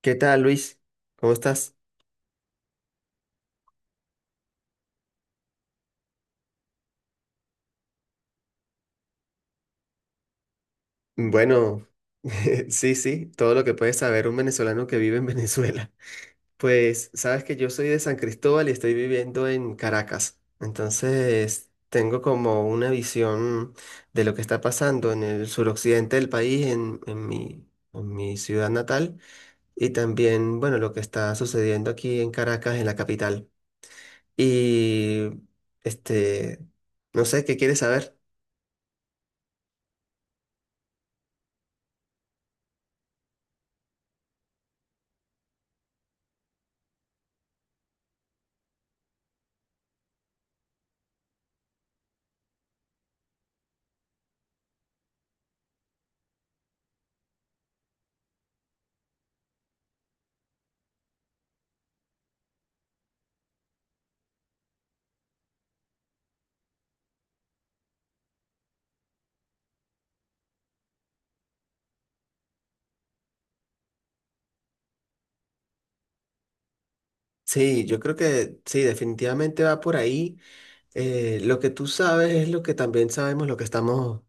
¿Qué tal, Luis? ¿Cómo estás? Bueno, sí, sí, todo lo que puede saber un venezolano que vive en Venezuela. Pues sabes que yo soy de San Cristóbal y estoy viviendo en Caracas. Entonces, tengo como una visión de lo que está pasando en el suroccidente del país, en mi, en mi ciudad natal, y también, bueno, lo que está sucediendo aquí en Caracas, en la capital. Y, este, no sé, ¿qué quieres saber? Sí, yo creo que sí, definitivamente va por ahí. Lo que tú sabes es lo que también sabemos, lo que estamos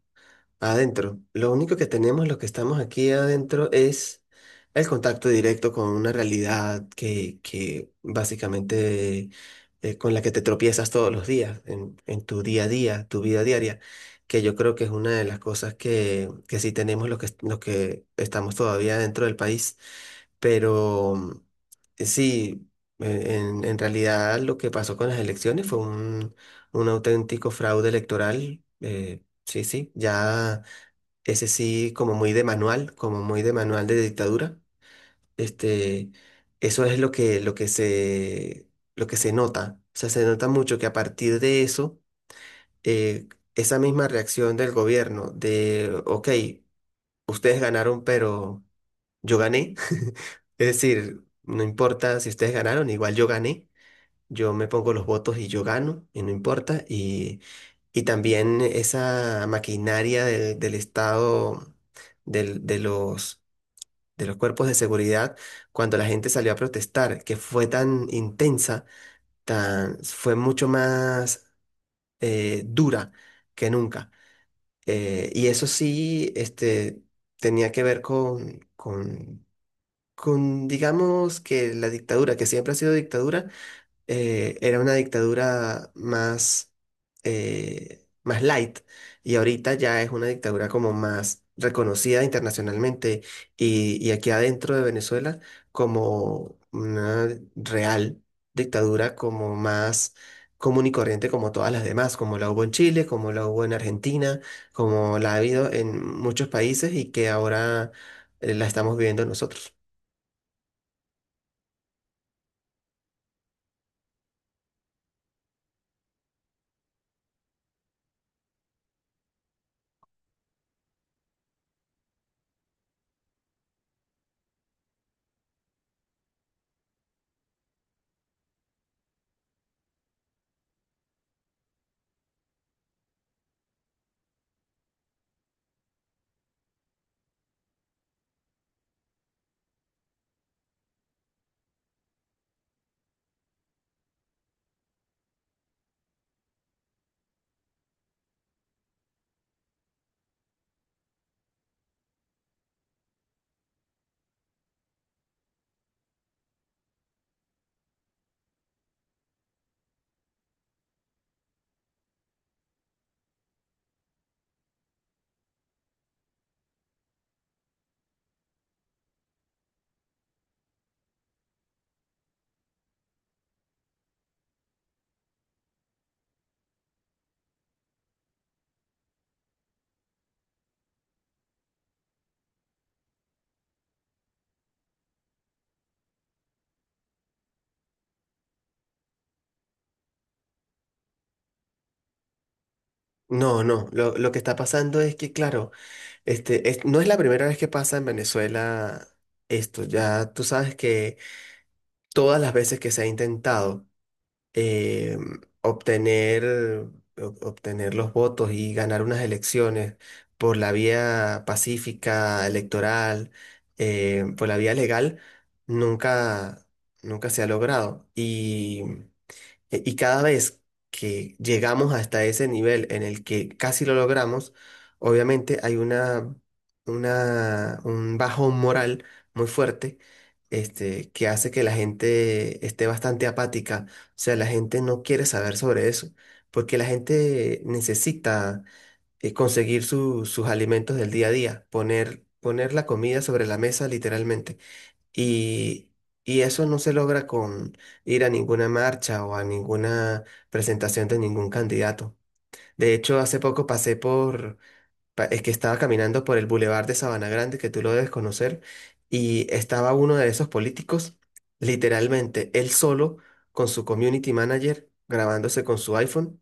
adentro. Lo único que tenemos, lo que estamos aquí adentro, es el contacto directo con una realidad que básicamente con la que te tropiezas todos los días, en tu día a día, tu vida diaria, que yo creo que es una de las cosas que sí tenemos los que estamos todavía dentro del país. Pero sí, en realidad lo que pasó con las elecciones fue un auténtico fraude electoral. Sí, sí, ya ese sí como muy de manual, como muy de manual de dictadura. Este, eso es lo que, lo que se nota. O sea, se nota mucho que a partir de eso, eh, esa misma reacción del gobierno de, ok, ustedes ganaron, pero yo gané. Es decir, no importa si ustedes ganaron, igual yo gané. Yo me pongo los votos y yo gano, y no importa. Y también esa maquinaria del Estado, del- de los, de los cuerpos de seguridad, cuando la gente salió a protestar, que fue tan intensa, tan, fue mucho más dura que nunca. Y eso sí, tenía que ver con con, digamos que la dictadura, que siempre ha sido dictadura, era una dictadura más, más light y ahorita ya es una dictadura como más reconocida internacionalmente y aquí adentro de Venezuela como una real dictadura como más común y corriente como todas las demás, como la hubo en Chile, como la hubo en Argentina, como la ha habido en muchos países y que ahora la estamos viviendo nosotros. No, no, lo que está pasando es que, claro, no es la primera vez que pasa en Venezuela esto, ya tú sabes que todas las veces que se ha intentado eh, obtener, obtener los votos y ganar unas elecciones por la vía pacífica, electoral, por la vía legal, nunca, nunca se ha logrado. Y y cada vez que llegamos hasta ese nivel en el que casi lo logramos, obviamente hay una, un bajón moral muy fuerte, que hace que la gente esté bastante apática. O sea, la gente no quiere saber sobre eso, porque la gente necesita conseguir sus alimentos del día a día, poner, poner la comida sobre la mesa literalmente. Y, y eso no se logra con ir a ninguna marcha o a ninguna presentación de ningún candidato. De hecho, hace poco pasé por, es que estaba caminando por el Boulevard de Sabana Grande, que tú lo debes conocer, y estaba uno de esos políticos, literalmente él solo, con su community manager, grabándose con su iPhone,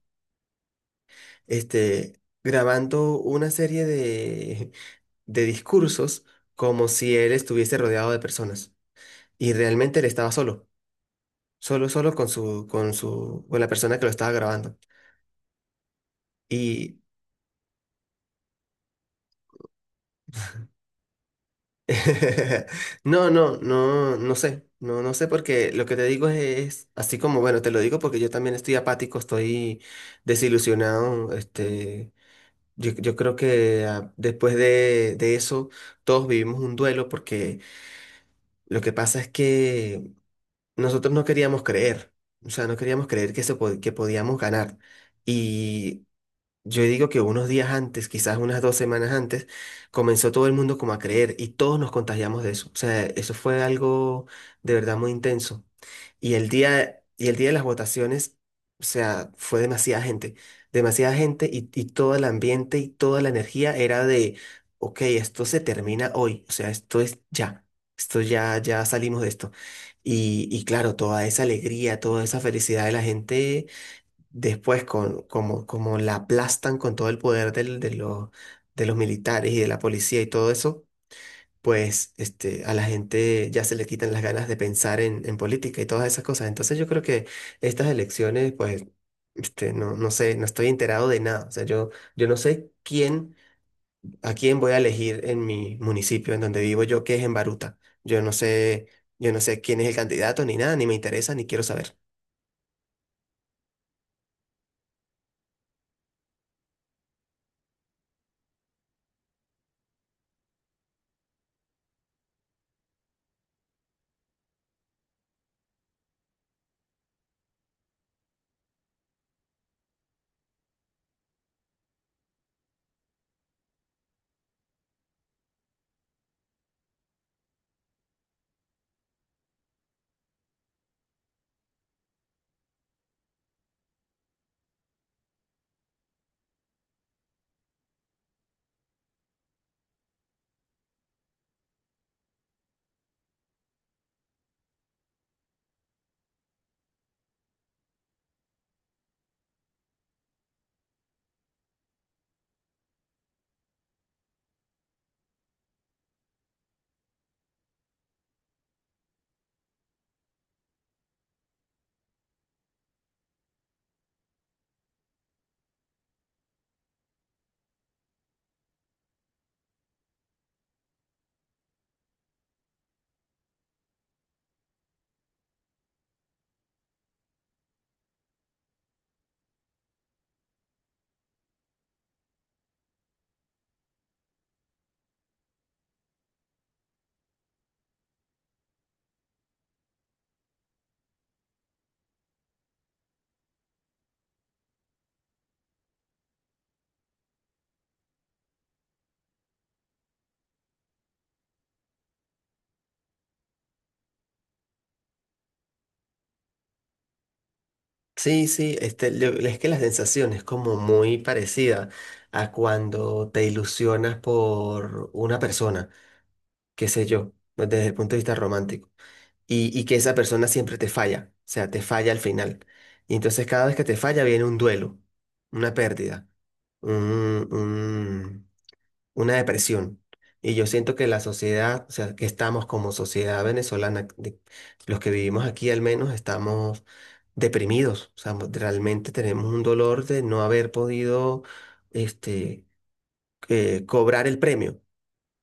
grabando una serie de discursos como si él estuviese rodeado de personas. Y realmente él estaba solo. Solo, solo con su, con su, con la persona que lo estaba grabando. Y no, no, no, no sé. No, no sé porque lo que te digo es, así como, bueno, te lo digo porque yo también estoy apático, estoy desilusionado. Yo, yo creo que después de eso todos vivimos un duelo porque lo que pasa es que nosotros no queríamos creer. O sea, no queríamos creer que, que podíamos ganar. Y yo digo que unos días antes, quizás unas dos semanas antes, comenzó todo el mundo como a creer y todos nos contagiamos de eso. O sea, eso fue algo de verdad muy intenso. Y el día de las votaciones, o sea, fue demasiada gente y todo el ambiente y toda la energía era de, ok, esto se termina hoy, o sea, esto es ya, esto ya, ya salimos de esto. Y claro, toda esa alegría, toda esa felicidad de la gente después con, como, como la aplastan con todo el poder de los militares y de la policía y todo eso, pues a la gente ya se le quitan las ganas de pensar en política y todas esas cosas. Entonces yo creo que estas elecciones, pues, no, no sé, no estoy enterado de nada. O sea, yo no sé quién, a quién voy a elegir en mi municipio, en donde vivo yo, que es en Baruta. Yo no sé, yo no sé quién es el candidato ni nada, ni me interesa, ni quiero saber. Sí, sí, es que la sensación es como muy parecida a cuando te ilusionas por una persona, qué sé yo, desde el punto de vista romántico, y que esa persona siempre te falla, o sea, te falla al final. Y entonces cada vez que te falla viene un duelo, una pérdida, un una depresión. Y yo siento que la sociedad, o sea, que estamos como sociedad venezolana, los que vivimos aquí al menos, estamos deprimidos. O sea, realmente tenemos un dolor de no haber podido, este, cobrar el premio.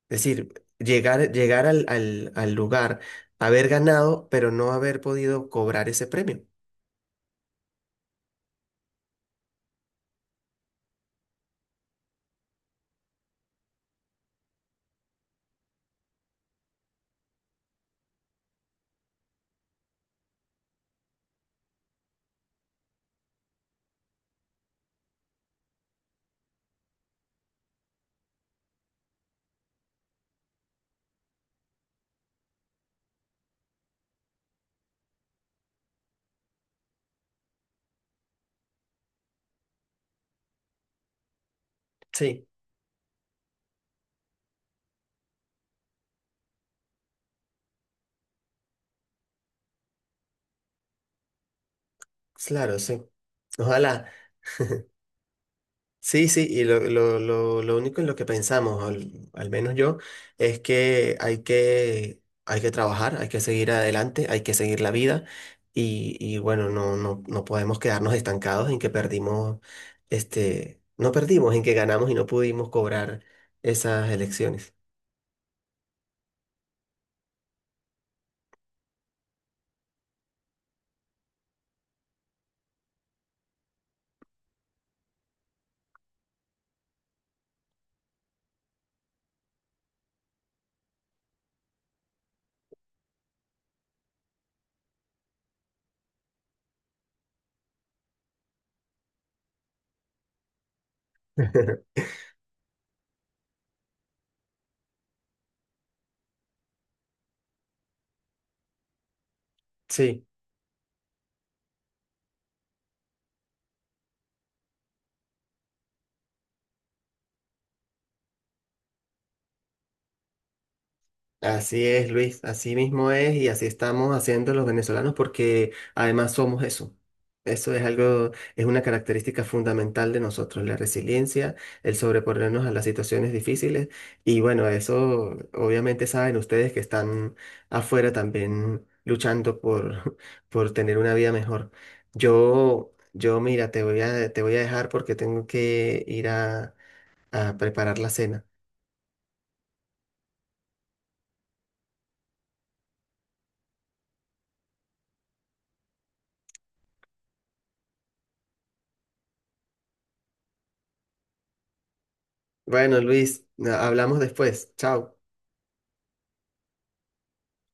Es decir, llegar, llegar al, al, al lugar, haber ganado, pero no haber podido cobrar ese premio. Sí, claro, sí. Ojalá. Sí, sí, y lo único en lo que pensamos, al, al menos yo, es que hay que, hay que trabajar, hay que seguir adelante, hay que seguir la vida y bueno, no, no, no podemos quedarnos estancados en que perdimos, no perdimos, en que ganamos y no pudimos cobrar esas elecciones. Sí. Así es, Luis, así mismo es y así estamos haciendo los venezolanos porque además somos eso. Eso es algo, es una característica fundamental de nosotros, la resiliencia, el sobreponernos a las situaciones difíciles y bueno, eso obviamente saben ustedes que están afuera también luchando por, por tener una vida mejor. Yo mira, te voy a dejar porque tengo que ir a preparar la cena. Bueno, Luis, hablamos después. Chao.